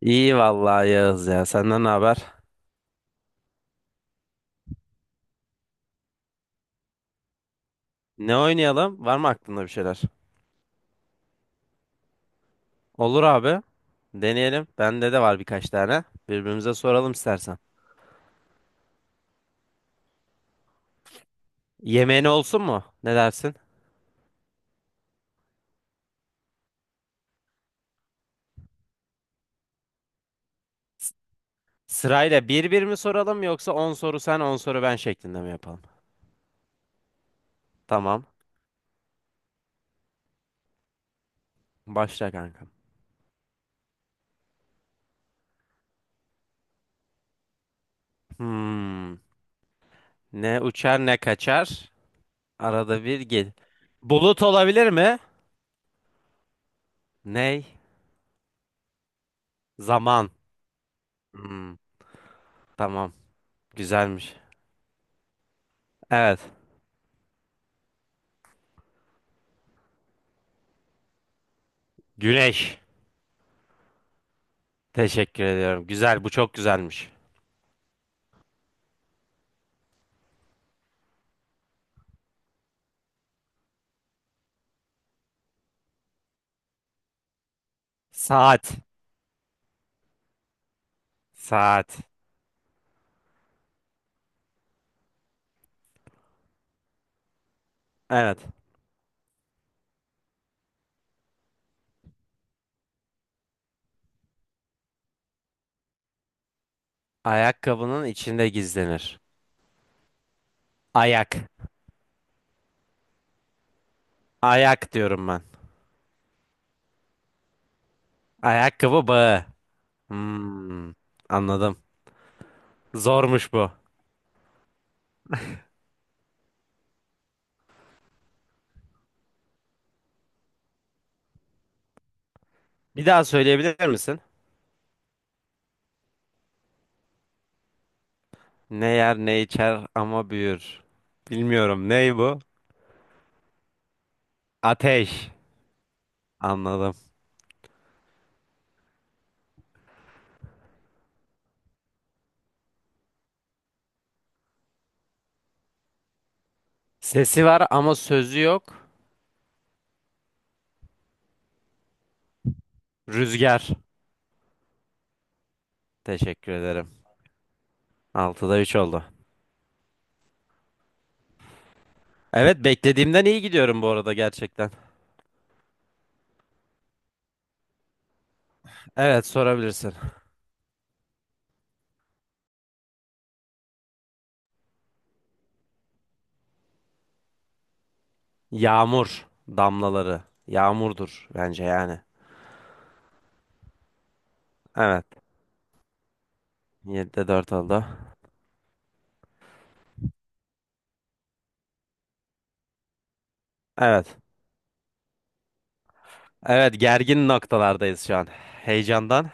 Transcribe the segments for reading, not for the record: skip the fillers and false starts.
İyi vallahi Yağız ya. Senden ne haber? Ne oynayalım? Var mı aklında bir şeyler? Olur abi. Deneyelim. Bende de var birkaç tane. Birbirimize soralım istersen. Yemeğin olsun mu? Ne dersin? Sırayla bir bir mi soralım yoksa 10 soru sen 10 soru ben şeklinde mi yapalım? Tamam. Başla kankam. Hmm. Ne uçar ne kaçar. Arada bir gel. Bulut olabilir mi? Ney? Zaman. Hmm. Tamam. Güzelmiş. Evet. Güneş. Teşekkür ediyorum. Güzel, bu çok güzelmiş. Saat. Saat. Evet. Ayakkabının içinde gizlenir. Ayak. Ayak diyorum ben. Ayakkabı bağı. Hmm, anladım. Zormuş bu. Bir daha söyleyebilir misin? Ne yer ne içer ama büyür. Bilmiyorum. Ney bu? Ateş. Anladım. Sesi var ama sözü yok. Rüzgar. Teşekkür ederim. Altıda 3 oldu. Evet, beklediğimden iyi gidiyorum bu arada gerçekten. Evet, sorabilirsin. Yağmur damlaları. Yağmurdur bence yani. Evet. 7'de dört oldu. Evet. Evet, gergin noktalardayız şu an. Heyecandan.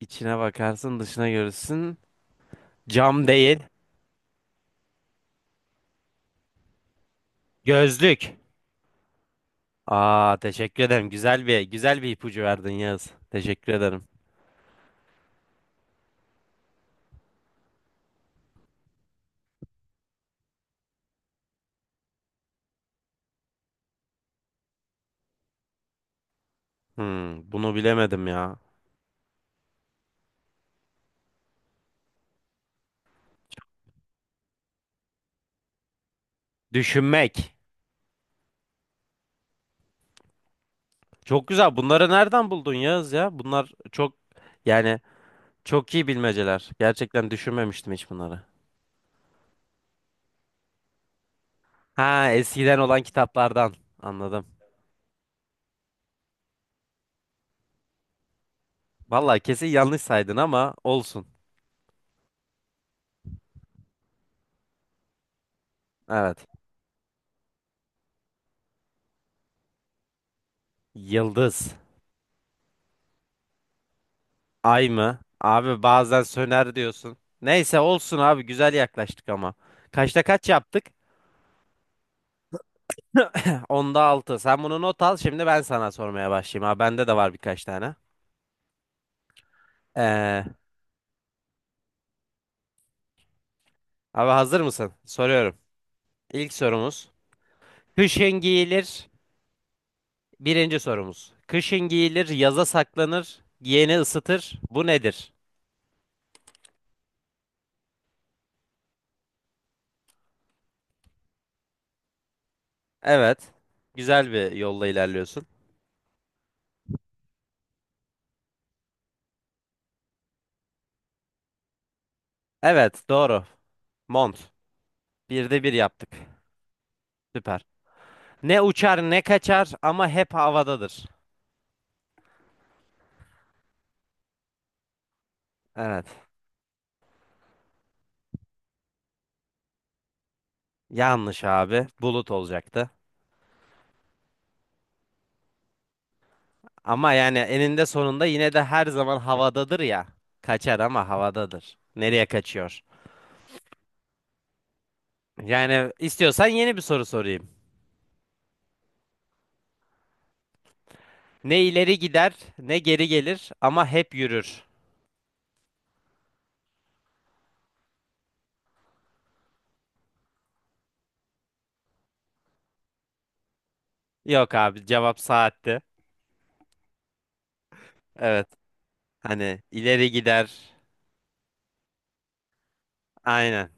İçine bakarsın dışına görürsün. Cam değil. Gözlük. Aa, teşekkür ederim. Güzel bir ipucu verdin Yağız. Teşekkür ederim. Bunu bilemedim ya. Düşünmek. Çok güzel. Bunları nereden buldun Yağız ya? Bunlar çok, yani, çok iyi bilmeceler. Gerçekten düşünmemiştim hiç bunları. Ha, eskiden olan kitaplardan anladım. Vallahi kesin yanlış saydın ama olsun. Evet. Yıldız. Ay mı? Abi bazen söner diyorsun. Neyse olsun abi, güzel yaklaştık ama. Kaçta kaç yaptık? Onda 6. Sen bunu not al şimdi, ben sana sormaya başlayayım. Abi bende de var birkaç tane. Ee, abi hazır mısın? Soruyorum. İlk sorumuz. Kışın giyilir. Birinci sorumuz. Kışın giyilir, yaza saklanır, giyeni ısıtır. Bu nedir? Evet. Güzel bir yolla ilerliyorsun. Evet, doğru. Mont. Birde bir yaptık. Süper. Ne uçar ne kaçar ama hep havadadır. Evet. Yanlış abi. Bulut olacaktı. Ama yani eninde sonunda yine de her zaman havadadır ya. Kaçar ama havadadır. Nereye kaçıyor? Yani istiyorsan yeni bir soru sorayım. Ne ileri gider ne geri gelir ama hep yürür. Yok abi, cevap saatti. Evet. Hani ileri gider. Aynen.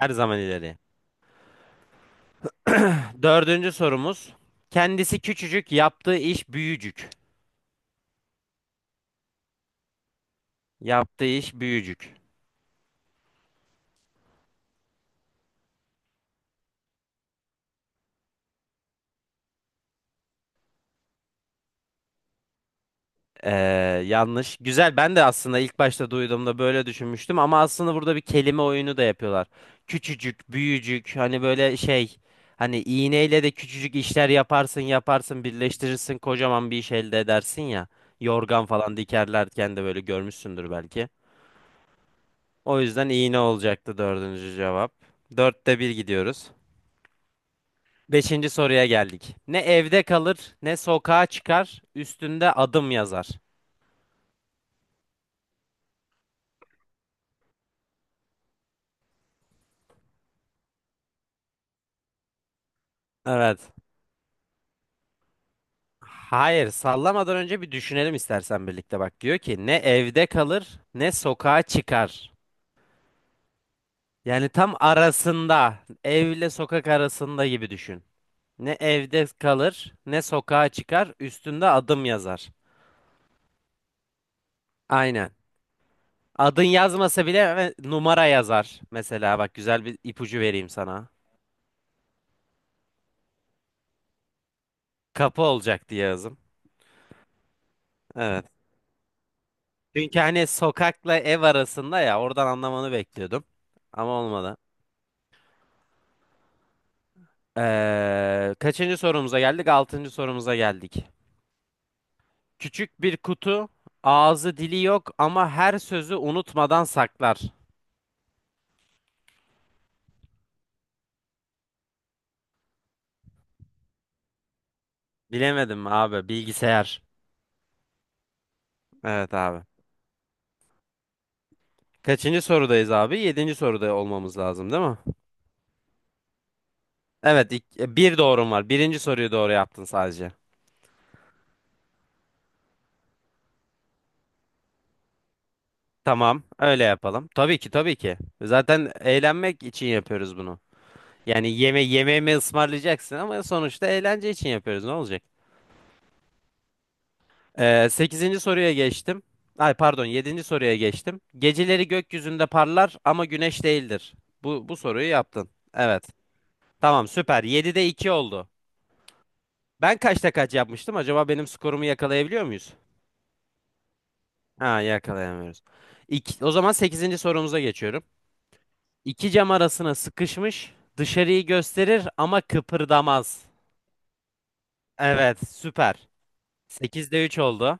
Her zaman ileri. Dördüncü sorumuz. Kendisi küçücük, yaptığı iş büyücük. Yaptığı iş büyücük. Ee, yanlış. Güzel. Ben de aslında ilk başta duyduğumda böyle düşünmüştüm ama aslında burada bir kelime oyunu da yapıyorlar. Küçücük, büyücük. Hani böyle şey. Hani iğneyle de küçücük işler yaparsın, yaparsın, birleştirirsin, kocaman bir iş elde edersin ya. Yorgan falan dikerlerken de böyle görmüşsündür belki. O yüzden iğne olacaktı dördüncü cevap. Dörtte bir gidiyoruz. Beşinci soruya geldik. Ne evde kalır, ne sokağa çıkar, üstünde adım yazar. Evet. Hayır, sallamadan önce bir düşünelim istersen birlikte. Bak diyor ki ne evde kalır, ne sokağa çıkar. Yani tam arasında, evle sokak arasında gibi düşün. Ne evde kalır, ne sokağa çıkar, üstünde adım yazar. Aynen. Adın yazmasa bile numara yazar. Mesela bak, güzel bir ipucu vereyim sana. Kapı olacak diye yazım. Evet. Çünkü hani sokakla ev arasında ya, oradan anlamanı bekliyordum. Ama olmadı. Kaçıncı sorumuza geldik? Altıncı sorumuza geldik. Küçük bir kutu, ağzı dili yok ama her sözü unutmadan saklar. Bilemedim abi, bilgisayar. Evet abi. Kaçıncı sorudayız abi? Yedinci soruda olmamız lazım değil mi? Evet, bir doğrum var. Birinci soruyu doğru yaptın sadece. Tamam, öyle yapalım. Tabii ki, tabii ki. Zaten eğlenmek için yapıyoruz bunu. Yani yemeğimi ısmarlayacaksın ama sonuçta eğlence için yapıyoruz. Ne olacak? 8. soruya geçtim. Ay pardon, yedinci soruya geçtim. Geceleri gökyüzünde parlar ama güneş değildir. Bu soruyu yaptın. Evet. Tamam süper. 7'de 2 oldu. Ben kaçta kaç yapmıştım? Acaba benim skorumu yakalayabiliyor muyuz? Ha, yakalayamıyoruz. İki, o zaman sekizinci sorumuza geçiyorum. İki cam arasına sıkışmış, dışarıyı gösterir ama kıpırdamaz. Evet süper. 8'de 3 oldu.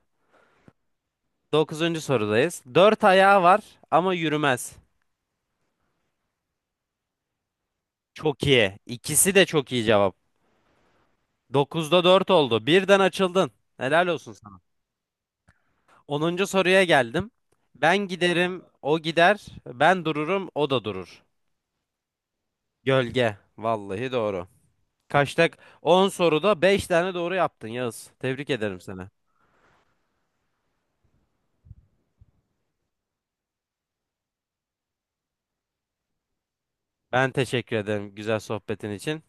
Dokuzuncu sorudayız. Dört ayağı var ama yürümez. Çok iyi. İkisi de çok iyi cevap. Dokuzda dört oldu. Birden açıldın. Helal olsun sana. Onuncu soruya geldim. Ben giderim, o gider. Ben dururum, o da durur. Gölge. Vallahi doğru. Kaçta? 10 soruda beş tane doğru yaptın Yağız. Tebrik ederim seni. Ben teşekkür ederim güzel sohbetin için.